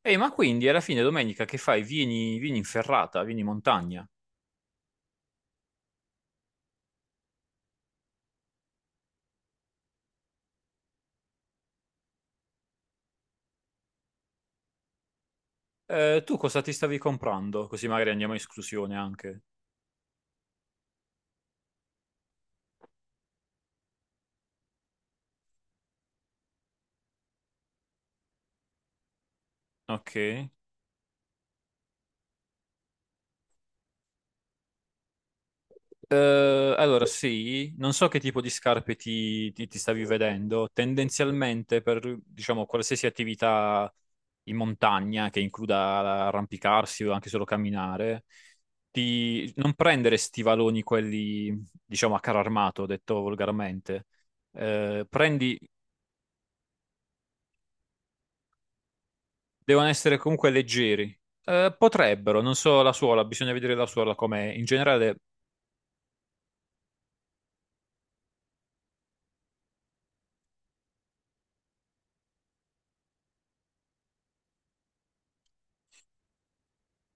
Ehi, ma quindi alla fine domenica che fai? Vieni, vieni in ferrata, vieni in montagna. Tu cosa ti stavi comprando? Così magari andiamo in esclusione anche. Ok. Allora sì, non so che tipo di scarpe ti stavi vedendo. Tendenzialmente per, diciamo, qualsiasi attività in montagna che includa arrampicarsi o anche solo camminare, di non prendere stivaloni quelli, diciamo, a caro armato, detto volgarmente. Prendi devono essere comunque leggeri. Potrebbero, non so la suola, bisogna vedere la suola com'è. In generale,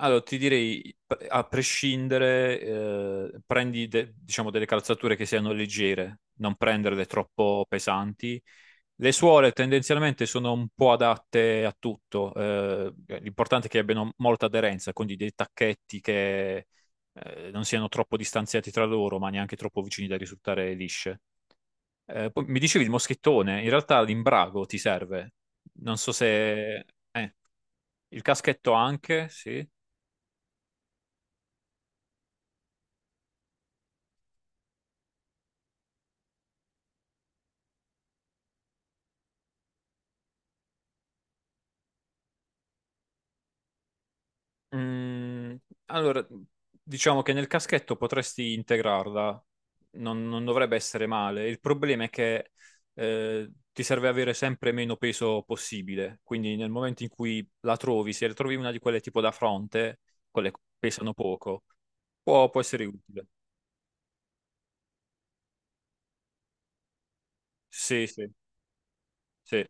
allora ti direi, a prescindere, prendi diciamo delle calzature che siano leggere, non prenderle troppo pesanti. Le suole tendenzialmente sono un po' adatte a tutto, l'importante è che abbiano molta aderenza, quindi dei tacchetti che non siano troppo distanziati tra loro, ma neanche troppo vicini da risultare lisce. Poi mi dicevi il moschettone, in realtà l'imbrago ti serve. Non so se, eh, il caschetto anche, sì. Mm, allora, diciamo che nel caschetto potresti integrarla, non dovrebbe essere male. Il problema è che ti serve avere sempre meno peso possibile, quindi nel momento in cui la trovi, se trovi una di quelle tipo da fronte, quelle che pesano poco, può essere utile. Sì, sì, sì.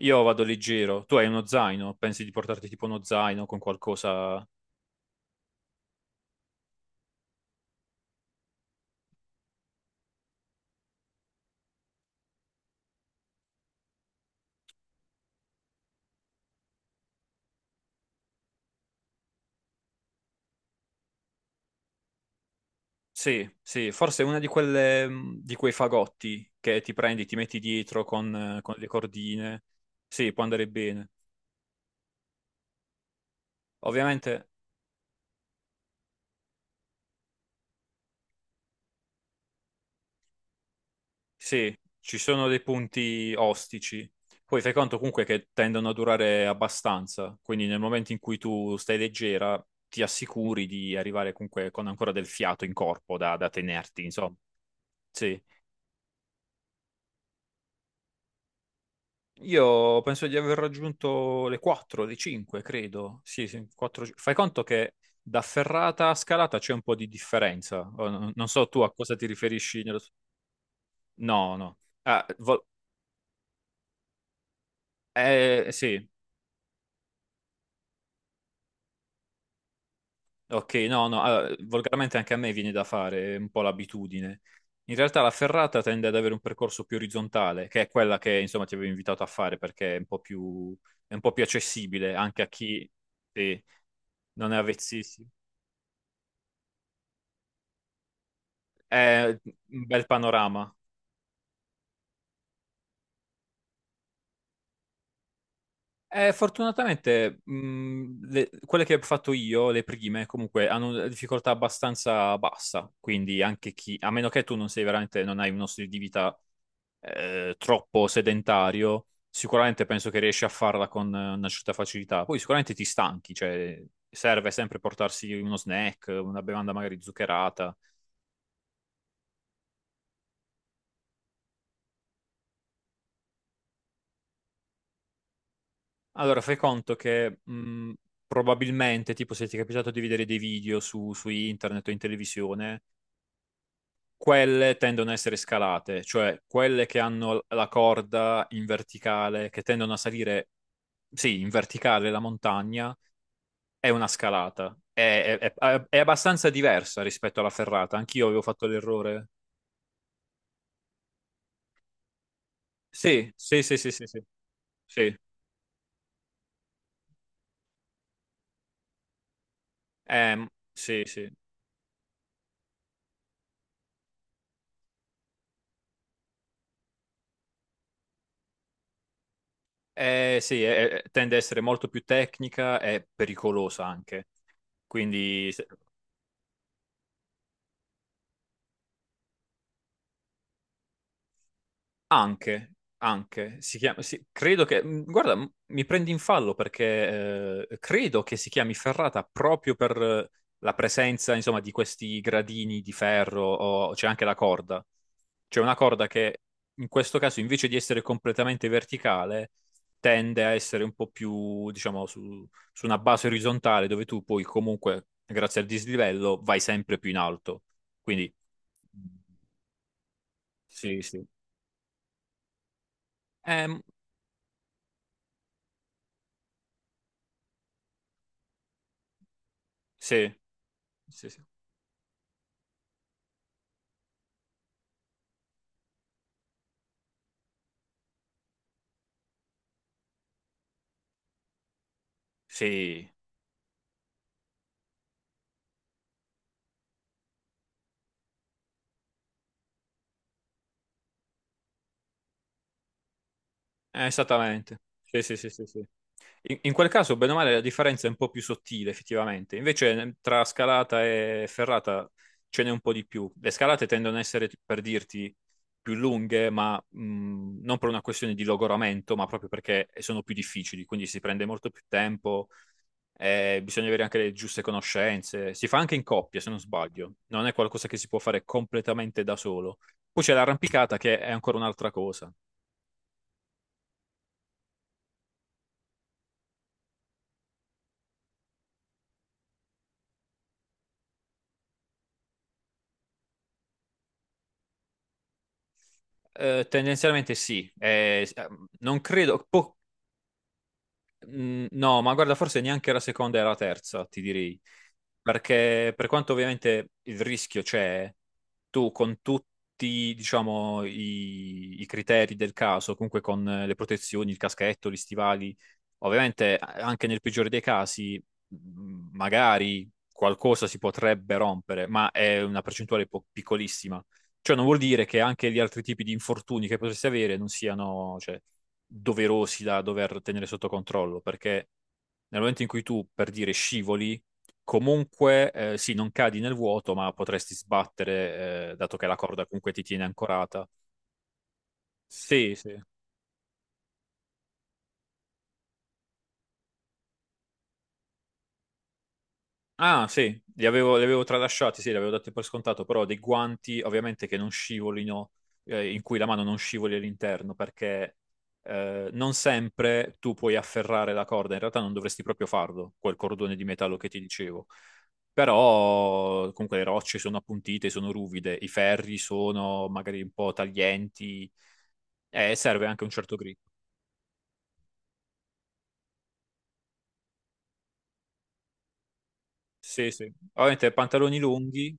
Io vado leggero. Tu hai uno zaino? Pensi di portarti tipo uno zaino con qualcosa? Sì, sì, forse è una di quelle, di quei fagotti che ti prendi, ti metti dietro con le cordine. Sì, può andare bene. Ovviamente, sì, ci sono dei punti ostici. Poi fai conto comunque che tendono a durare abbastanza, quindi nel momento in cui tu stai leggera, ti assicuri di arrivare comunque con ancora del fiato in corpo da tenerti, insomma. Sì. Io penso di aver raggiunto le 4, le 5, credo. Sì, sì, 4. Fai conto che da ferrata a scalata c'è un po' di differenza. Oh, non so tu a cosa ti riferisci. No, no. Ah, sì, ok, no, no. Allora, volgarmente anche a me viene da fare è un po' l'abitudine. In realtà la ferrata tende ad avere un percorso più orizzontale, che è quella che insomma ti avevo invitato a fare perché è un po' più accessibile anche a chi sì, non è avvezzissimo. È un bel panorama. Fortunatamente, quelle che ho fatto io, le prime, comunque hanno una difficoltà abbastanza bassa. Quindi anche chi, a meno che tu non sei veramente, non hai uno stile di vita troppo sedentario, sicuramente penso che riesci a farla con una certa facilità. Poi sicuramente ti stanchi, cioè serve sempre portarsi uno snack, una bevanda magari zuccherata. Allora, fai conto che probabilmente, tipo se ti è capitato di vedere dei video su internet o in televisione, quelle tendono a essere scalate, cioè quelle che hanno la corda in verticale, che tendono a salire, sì, in verticale la montagna, è una scalata. È abbastanza diversa rispetto alla ferrata. Anch'io avevo fatto l'errore. Sì, sì, sì, sì, sì, sì. Sì, sì, sì. Sì, tende a essere molto più tecnica e pericolosa anche. Quindi anche, anche, si chiama, sì, credo che, guarda, mi prendi in fallo perché credo che si chiami ferrata proprio per la presenza, insomma, di questi gradini di ferro, o c'è anche la corda. C'è una corda che in questo caso, invece di essere completamente verticale, tende a essere un po' più, diciamo, su una base orizzontale dove tu poi comunque, grazie al dislivello, vai sempre più in alto. Quindi, sì, sì. Ehm, sì. Sì, sì. Sì, esattamente. Sì, sì, sì, sì, sì. In quel caso, bene o male, la differenza è un po' più sottile, effettivamente. Invece, tra scalata e ferrata ce n'è un po' di più. Le scalate tendono a essere, per dirti, più lunghe, ma non per una questione di logoramento, ma proprio perché sono più difficili, quindi si prende molto più tempo, bisogna avere anche le giuste conoscenze. Si fa anche in coppia, se non sbaglio. Non è qualcosa che si può fare completamente da solo. Poi c'è l'arrampicata che è ancora un'altra cosa. Tendenzialmente sì, non credo, no, ma guarda, forse neanche la seconda e la terza, ti direi, perché per quanto ovviamente il rischio c'è, tu con tutti, diciamo, i criteri del caso, comunque con le protezioni, il caschetto, gli stivali, ovviamente anche nel peggiore dei casi, magari qualcosa si potrebbe rompere, ma è una percentuale piccolissima. Cioè, non vuol dire che anche gli altri tipi di infortuni che potresti avere non siano, cioè, doverosi da dover tenere sotto controllo, perché nel momento in cui tu, per dire, scivoli, comunque, sì, non cadi nel vuoto, ma potresti sbattere, dato che la corda comunque ti tiene ancorata. Sì, sì. Ah, sì, li avevo tralasciati, sì, li avevo dati per scontato, però dei guanti ovviamente che non scivolino, in cui la mano non scivoli all'interno, perché non sempre tu puoi afferrare la corda, in realtà non dovresti proprio farlo, quel cordone di metallo che ti dicevo. Però comunque le rocce sono appuntite, sono ruvide, i ferri sono magari un po' taglienti e serve anche un certo grip. Sì, sì. Ovviamente pantaloni lunghi.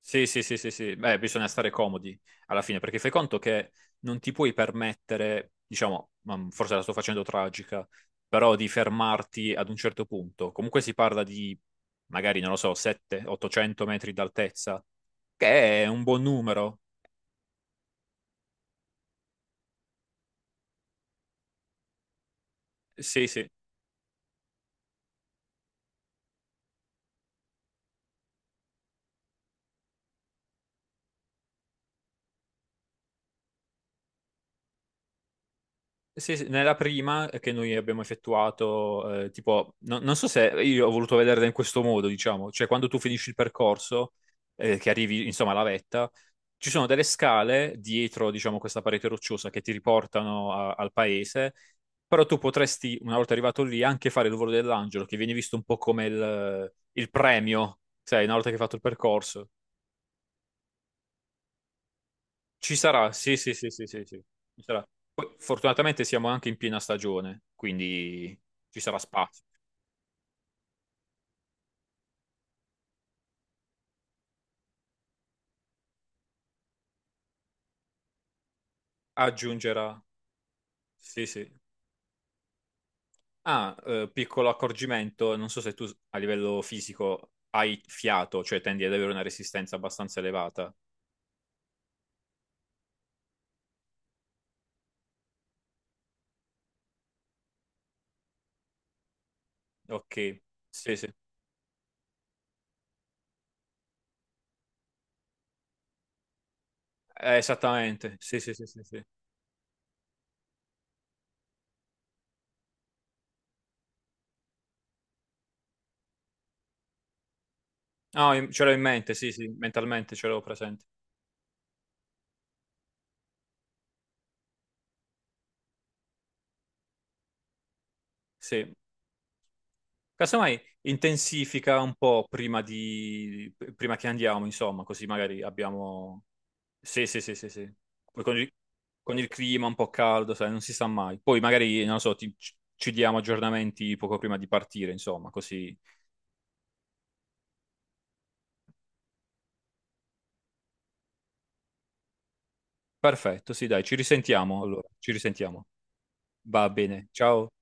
Sì, sì, sì, sì, sì. Beh, bisogna stare comodi alla fine, perché fai conto che non ti puoi permettere, diciamo, ma forse la sto facendo tragica, però di fermarti ad un certo punto. Comunque si parla di, magari, non lo so, 700-800 metri d'altezza, che è un buon numero. Sì, sì. Sì, sì, nella prima che noi abbiamo effettuato, tipo, non so se io ho voluto vederla in questo modo, diciamo, cioè quando tu finisci il percorso, che arrivi insomma alla vetta, ci sono delle scale dietro, diciamo, questa parete rocciosa che ti riportano al paese, però tu potresti, una volta arrivato lì, anche fare il volo dell'angelo, che viene visto un po' come il premio, sai, una volta che hai fatto il percorso. Ci sarà, sì, sì, sì, sì, sì, sì. Ci sarà. Poi, fortunatamente siamo anche in piena stagione, quindi ci sarà spazio. Aggiungerà, sì, sì. Ah, piccolo accorgimento, non so se tu a livello fisico hai fiato, cioè tendi ad avere una resistenza abbastanza elevata. Ok, sì, sì. Esattamente, sì, sì, sì, sì, sì. No, ce l'ho in mente, sì, sì, mentalmente ce l'ho presente. Sì. Casomai intensifica un po' prima che andiamo, insomma, così magari abbiamo. Sì, sì, sì, sì, sì. Poi con il clima un po' caldo, sai, non si sa mai. Poi magari, non lo so, ci diamo aggiornamenti poco prima di partire, insomma, così. Perfetto, sì, dai, ci risentiamo allora, ci risentiamo. Va bene, ciao.